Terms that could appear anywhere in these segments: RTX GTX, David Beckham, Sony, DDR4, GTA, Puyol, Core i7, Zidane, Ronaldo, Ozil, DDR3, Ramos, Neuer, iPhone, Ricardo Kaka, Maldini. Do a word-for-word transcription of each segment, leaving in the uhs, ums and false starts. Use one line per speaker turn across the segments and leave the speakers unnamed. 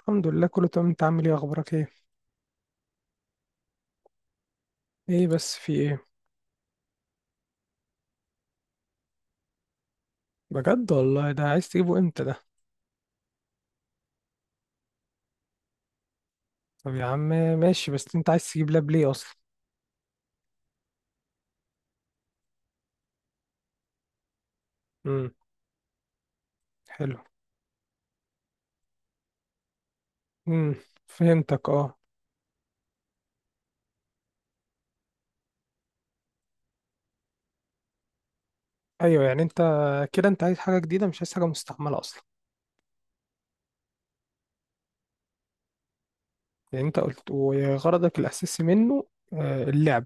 الحمد لله، كله تمام. انت عامل ايه؟ اخبارك ايه؟ ايه بس في ايه؟ بجد والله، ده عايز تجيبه امتى ده؟ طب يا عم. ماشي، بس انت عايز تجيب لاب ليه اصلا؟ امم. حلو. امم. فهمتك، اه. ايوه، يعني انت كده انت عايز حاجه جديده مش عايز حاجه مستعمله اصلا. يعني انت قلت وغرضك الاساسي منه آه، اللعب.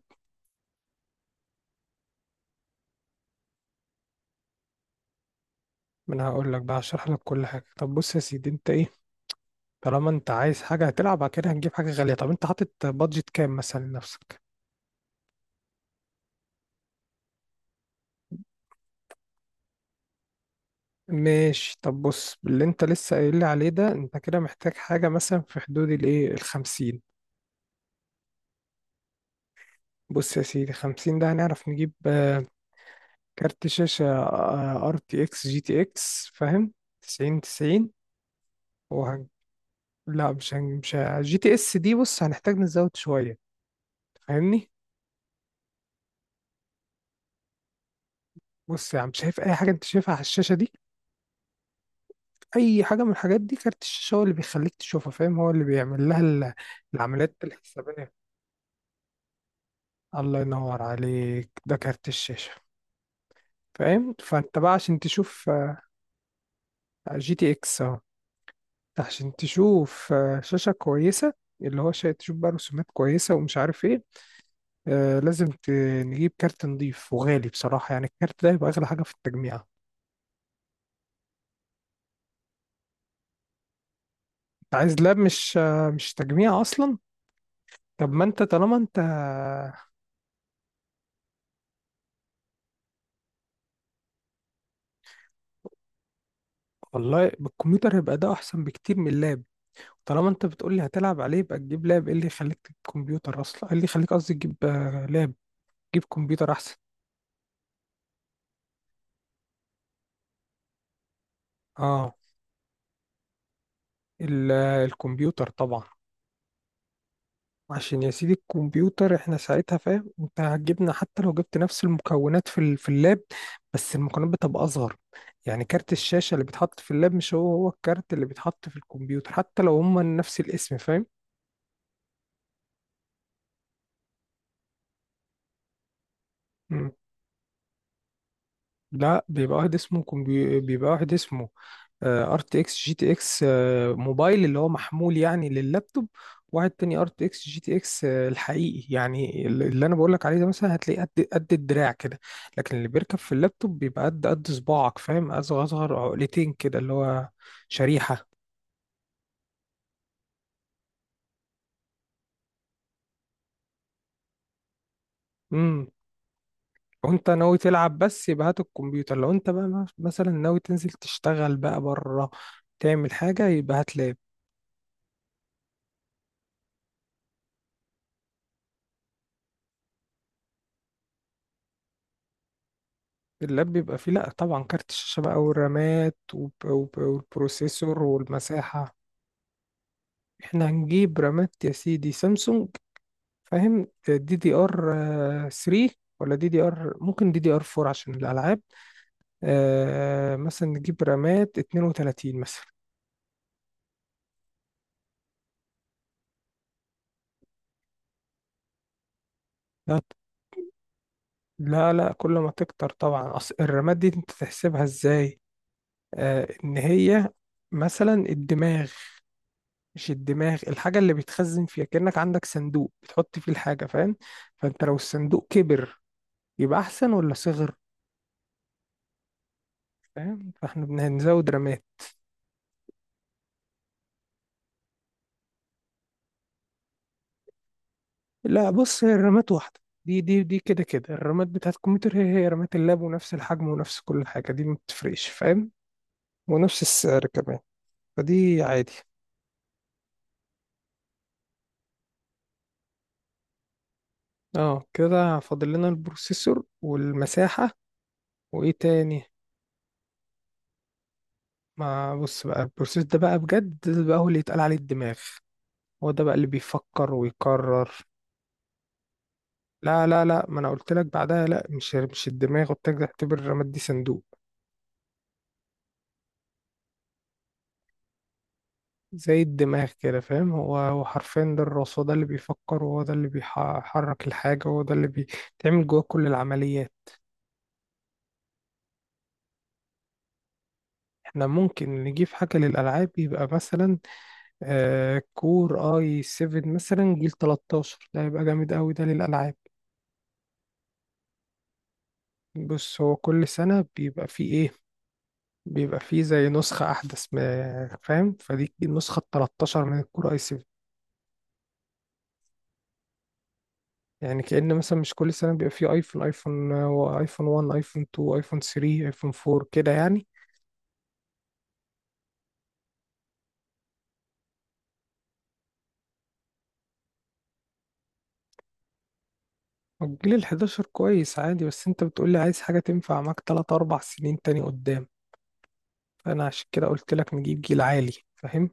ما انا هقول لك بقى هشرح لك كل حاجه. طب بص يا سيدي، انت ايه؟ طالما انت عايز حاجه هتلعب بعد كده، هتجيب حاجه غاليه. طب انت حاطط بادجت كام مثلا لنفسك؟ ماشي. طب بص، اللي انت لسه قايل لي عليه ده انت كده محتاج حاجة مثلا في حدود الايه الخمسين. بص يا سيدي، خمسين ده هنعرف نجيب آه، كارت شاشة ار تي اكس جي تي اكس، فاهم؟ تسعين تسعين. وهن... لا، مش هن... مش ه- جي تي اس دي. بص، هنحتاج نزود شوية، فاهمني؟ بص يا عم، شايف اي حاجة انت شايفها على الشاشة دي؟ اي حاجة من الحاجات دي، كارت الشاشة هو اللي بيخليك تشوفها، فاهم؟ هو اللي بيعمل لها ال- العمليات الحسابية. الله ينور عليك، ده كارت الشاشة. فاهم؟ فانت بقى عشان تشوف جي تي اكس، اه جي تي ايه. اهو، عشان تشوف آه، شاشة كويسة، اللي هو شا- تشوف بقى رسومات كويسة ومش عارف ايه. آه، لازم ت- نجيب كارت نضيف وغالي بصراحة، يعني الكارت ده يبقى أغلى حاجة في التجميعة. انت عايز لاب، مش آه مش تجميع أصلا. طب ما انت طالما انت، والله الكمبيوتر هيبقى ده أحسن بكتير من اللاب. طالما انت بتقول لي هتلعب عليه يبقى تجيب لاب، ايه اللي يخليك تجيب كمبيوتر أصلا، ايه اللي يخليك قصدي تجيب آه، لاب؟ تجيب كمبيوتر أحسن. اه، ال- الكمبيوتر طبعا. عشان يا سيدي الكمبيوتر احنا ساعتها، فاهم؟ انت هتجيبنا حتى لو جبت نفس المكونات في ال- في اللاب، بس المكونات بتبقى اصغر. يعني كارت الشاشة اللي بيتحط في اللاب مش هو هو الكارت اللي بيتحط في الكمبيوتر حتى لو هما نفس الاسم، فاهم؟ مم. لا، بيبقى واحد اسمه كمبي... بيبقى واحد اسمه ار تي اكس جي تي اكس موبايل، اللي هو محمول يعني لللابتوب. واحد تاني، ار تي اكس جي تي اكس الحقيقي، يعني ال- اللي انا بقول لك عليه ده، مثلا هتلاقيه قد قد الدراع كده. لكن اللي بيركب في اللابتوب بيبقى قد قد صباعك، فاهم؟ اصغر اصغر، عقلتين كده، اللي هو شريحة. امم. وانت ناوي تلعب بس، يبقى هات الكمبيوتر. لو انت بقى مثلا ناوي تنزل تشتغل بقى بره، تعمل حاجة، يبقى هات لاب. اللاب بيبقى فيه، لأ طبعا، كارت الشاشة بقى والرامات وب- وب- والبروسيسور والمساحة. احنا هنجيب رامات يا سيدي سامسونج، فاهم؟ دي دي ار تلاتة، ولا دي دي ار، ممكن دي دي ار اربعة عشان الألعاب. آه، مثلا نجيب رامات اثنين وثلاثين مثلا. لا لا لا، كل ما تكتر طبعا. أصل الرامات دي انت تحسبها ازاي؟ آه، ان هي مثلا الدماغ، مش الدماغ، الحاجة اللي بيتخزن فيها، كأنك عندك صندوق بتحط فيه الحاجة، فاهم؟ فانت لو الصندوق كبر يبقى احسن ولا صغر؟ فاهم؟ فاحنا بنزود رامات. لا، بص، هي الرامات واحدة. دي دي دي كده كده الرامات بتاعت الكمبيوتر هي هي رامات اللاب، ونفس الحجم ونفس كل حاجة، دي ما بتفرقش، فاهم؟ ونفس السعر كمان، فدي عادي. اه، كده فاضل لنا البروسيسور والمساحة. وايه تاني؟ ما بص بقى، البروسيس ده بقى بجد، ده بقى هو اللي يتقال عليه الدماغ، هو ده بقى اللي بيفكر ويقرر. لا لا لا، ما انا قلت لك بعدها، لا، مش مش الدماغ، قلت لك اعتبر الرماد دي صندوق. زي الدماغ كده، فاهم؟ هو هو حرفيا، ده الراس، هو ده اللي بيفكر وهو ده اللي بيحرك الحاجة وهو ده اللي بيتعمل جواه كل العمليات. احنا ممكن نجيب حاجة للألعاب، يبقى مثلا آه، كور اي سفن مثلا جيل تلتاشر، ده هيبقى جامد قوي ده للألعاب. بص، هو كل سنة بيبقى فيه ايه، بيبقى فيه زي نسخة أحدث، ما- فاهم؟ فدي النسخة التلتاشر من الكور أي سفن. يعني كأن مثلا، مش كل سنة بيبقى فيه أيفون؟ أيفون أيفون واحد، أيفون اتنين، أيفون تلاتة، أيفون اربعة، كده يعني. الجيل ال حداشر كويس عادي، بس أنت بتقولي عايز حاجة تنفع معاك تلاتة اربعة سنين تاني قدام، فأنا عشان كده قلت لك نجيب جيل عالي، فاهم؟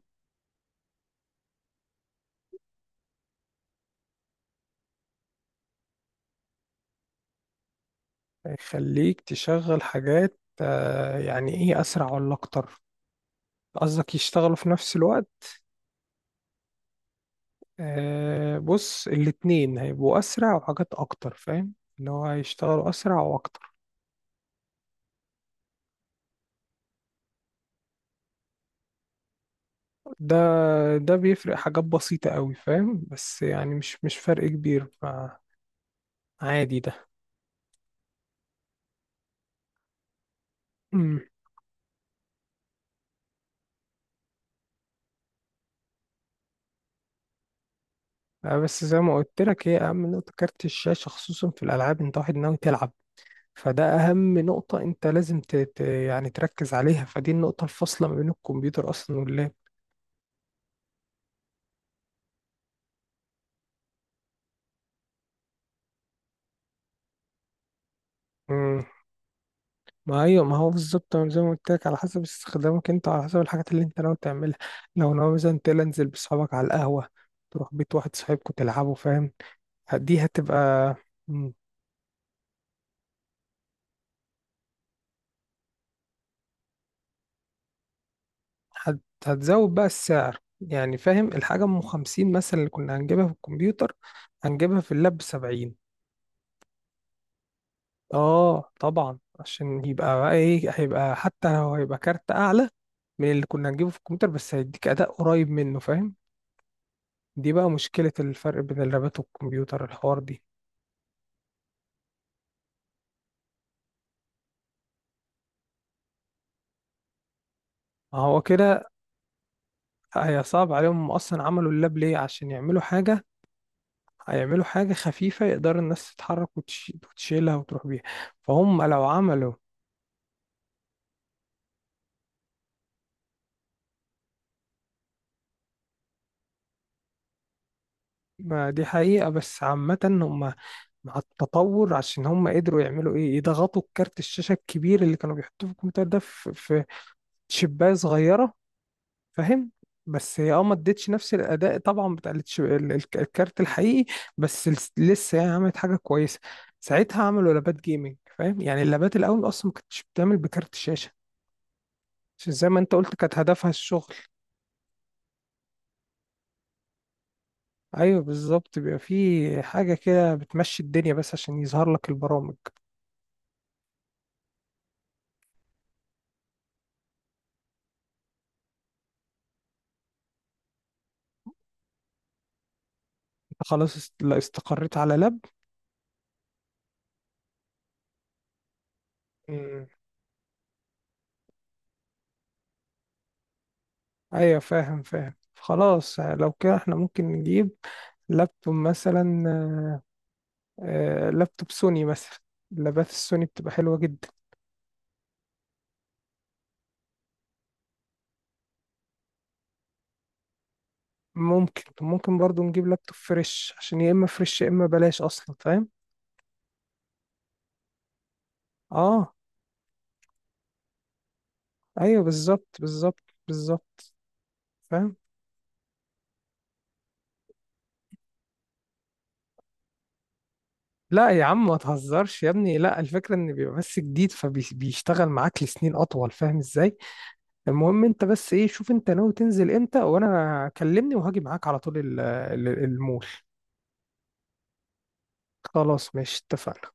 يخليك تشغل حاجات آه، يعني إيه، أسرع ولا أكتر؟ قصدك يشتغلوا في نفس الوقت؟ آه، بص، الاتنين هيبقوا أسرع وحاجات أكتر، فاهم؟ اللي هو هيشتغلوا أسرع وأكتر. ده ده بيفرق حاجات بسيطة أوي، فاهم؟ بس يعني مش مش فرق كبير، فعادي ده. مم. آه بس زي ما قلت لك، هي أهم نقطة كارت الشاشة، خصوصا في الألعاب، أنت واحد ناوي تلعب، فده أهم نقطة، أنت لازم ت... ت... يعني تركز عليها، فدي النقطة الفاصلة ما بين الكمبيوتر أصلا واللاب. ما ايوه، ما هو بالظبط، أنا زي ما قلت لك على حسب استخدامك انت، على حسب الحاجات اللي انت ناوي تعملها. لو ناوي مثلا تنزل بصحابك على القهوه، تروح بيت واحد صاحبكوا تلعبوا، فاهم؟ دي هتبقى، مم، هت... هتزود بقى السعر، يعني فاهم، الحاجه ام خمسين مثلا اللي كنا هنجيبها في الكمبيوتر، هنجيبها في اللاب ب سبعين. اه طبعا، عشان يبقى بقى ايه، هيبقى حتى لو هيبقى كارت اعلى من اللي كنا هنجيبه في الكمبيوتر، بس هيديك اداء قريب منه، فاهم؟ دي بقى مشكلة الفرق بين اللابات والكمبيوتر، الحوار دي. هو كده. هي صعب عليهم. هم أصلا عملوا اللاب ليه؟ عشان يعملوا حاجة، هيعملوا حاجة خفيفة يقدر الناس تتحرك وتش- وتشيلها وتروح بيها، فهم لو عملوا. ما دي حقيقة، بس عامة هم مع التطور عشان هم قدروا يعملوا ايه، يضغطوا الكارت الشاشة الكبير اللي كانوا بيحطوه في الكمبيوتر ده في في شباية صغيرة، فاهم؟ بس هي اه، ما ادتش نفس الاداء طبعا بتاع التش- ال- الك- الكارت الحقيقي. بس لس- لسه يعني عملت حاجه كويسه. ساعتها عملوا لابات جيمنج، فاهم؟ يعني اللابات الاول اصلا ما كانتش بتعمل بكارت الشاشه، عشان زي ما انت قلت كانت هدفها الشغل. ايوه بالظبط، بيبقى في حاجه كده بتمشي الدنيا بس عشان يظهر لك البرامج. انت خلاص است- لا، استقريت على لاب. مم. ايوه فاهم فاهم، خلاص لو كده احنا ممكن نجيب لابتوب مثلا، آه، لابتوب سوني مثلا، اللابات السوني بتبقى حلوة جدا. ممكن ممكن برضو نجيب لابتوب فريش، عشان يا إما فريش يا إما بلاش أصلا، فاهم؟ آه. أيوه بالظبط بالظبط بالظبط. فاهم. لا يا عم، ما تهزرش يا ابني، لا الفكرة ان بيبقى بس جديد فبيشتغل معاك لسنين اطول، فاهم ازاي؟ المهم انت بس ايه، شوف انت ناوي تنزل امتى وانا كلمني وهاجي معاك على طول ال- ال- المول. خلاص ماشي، اتفقنا.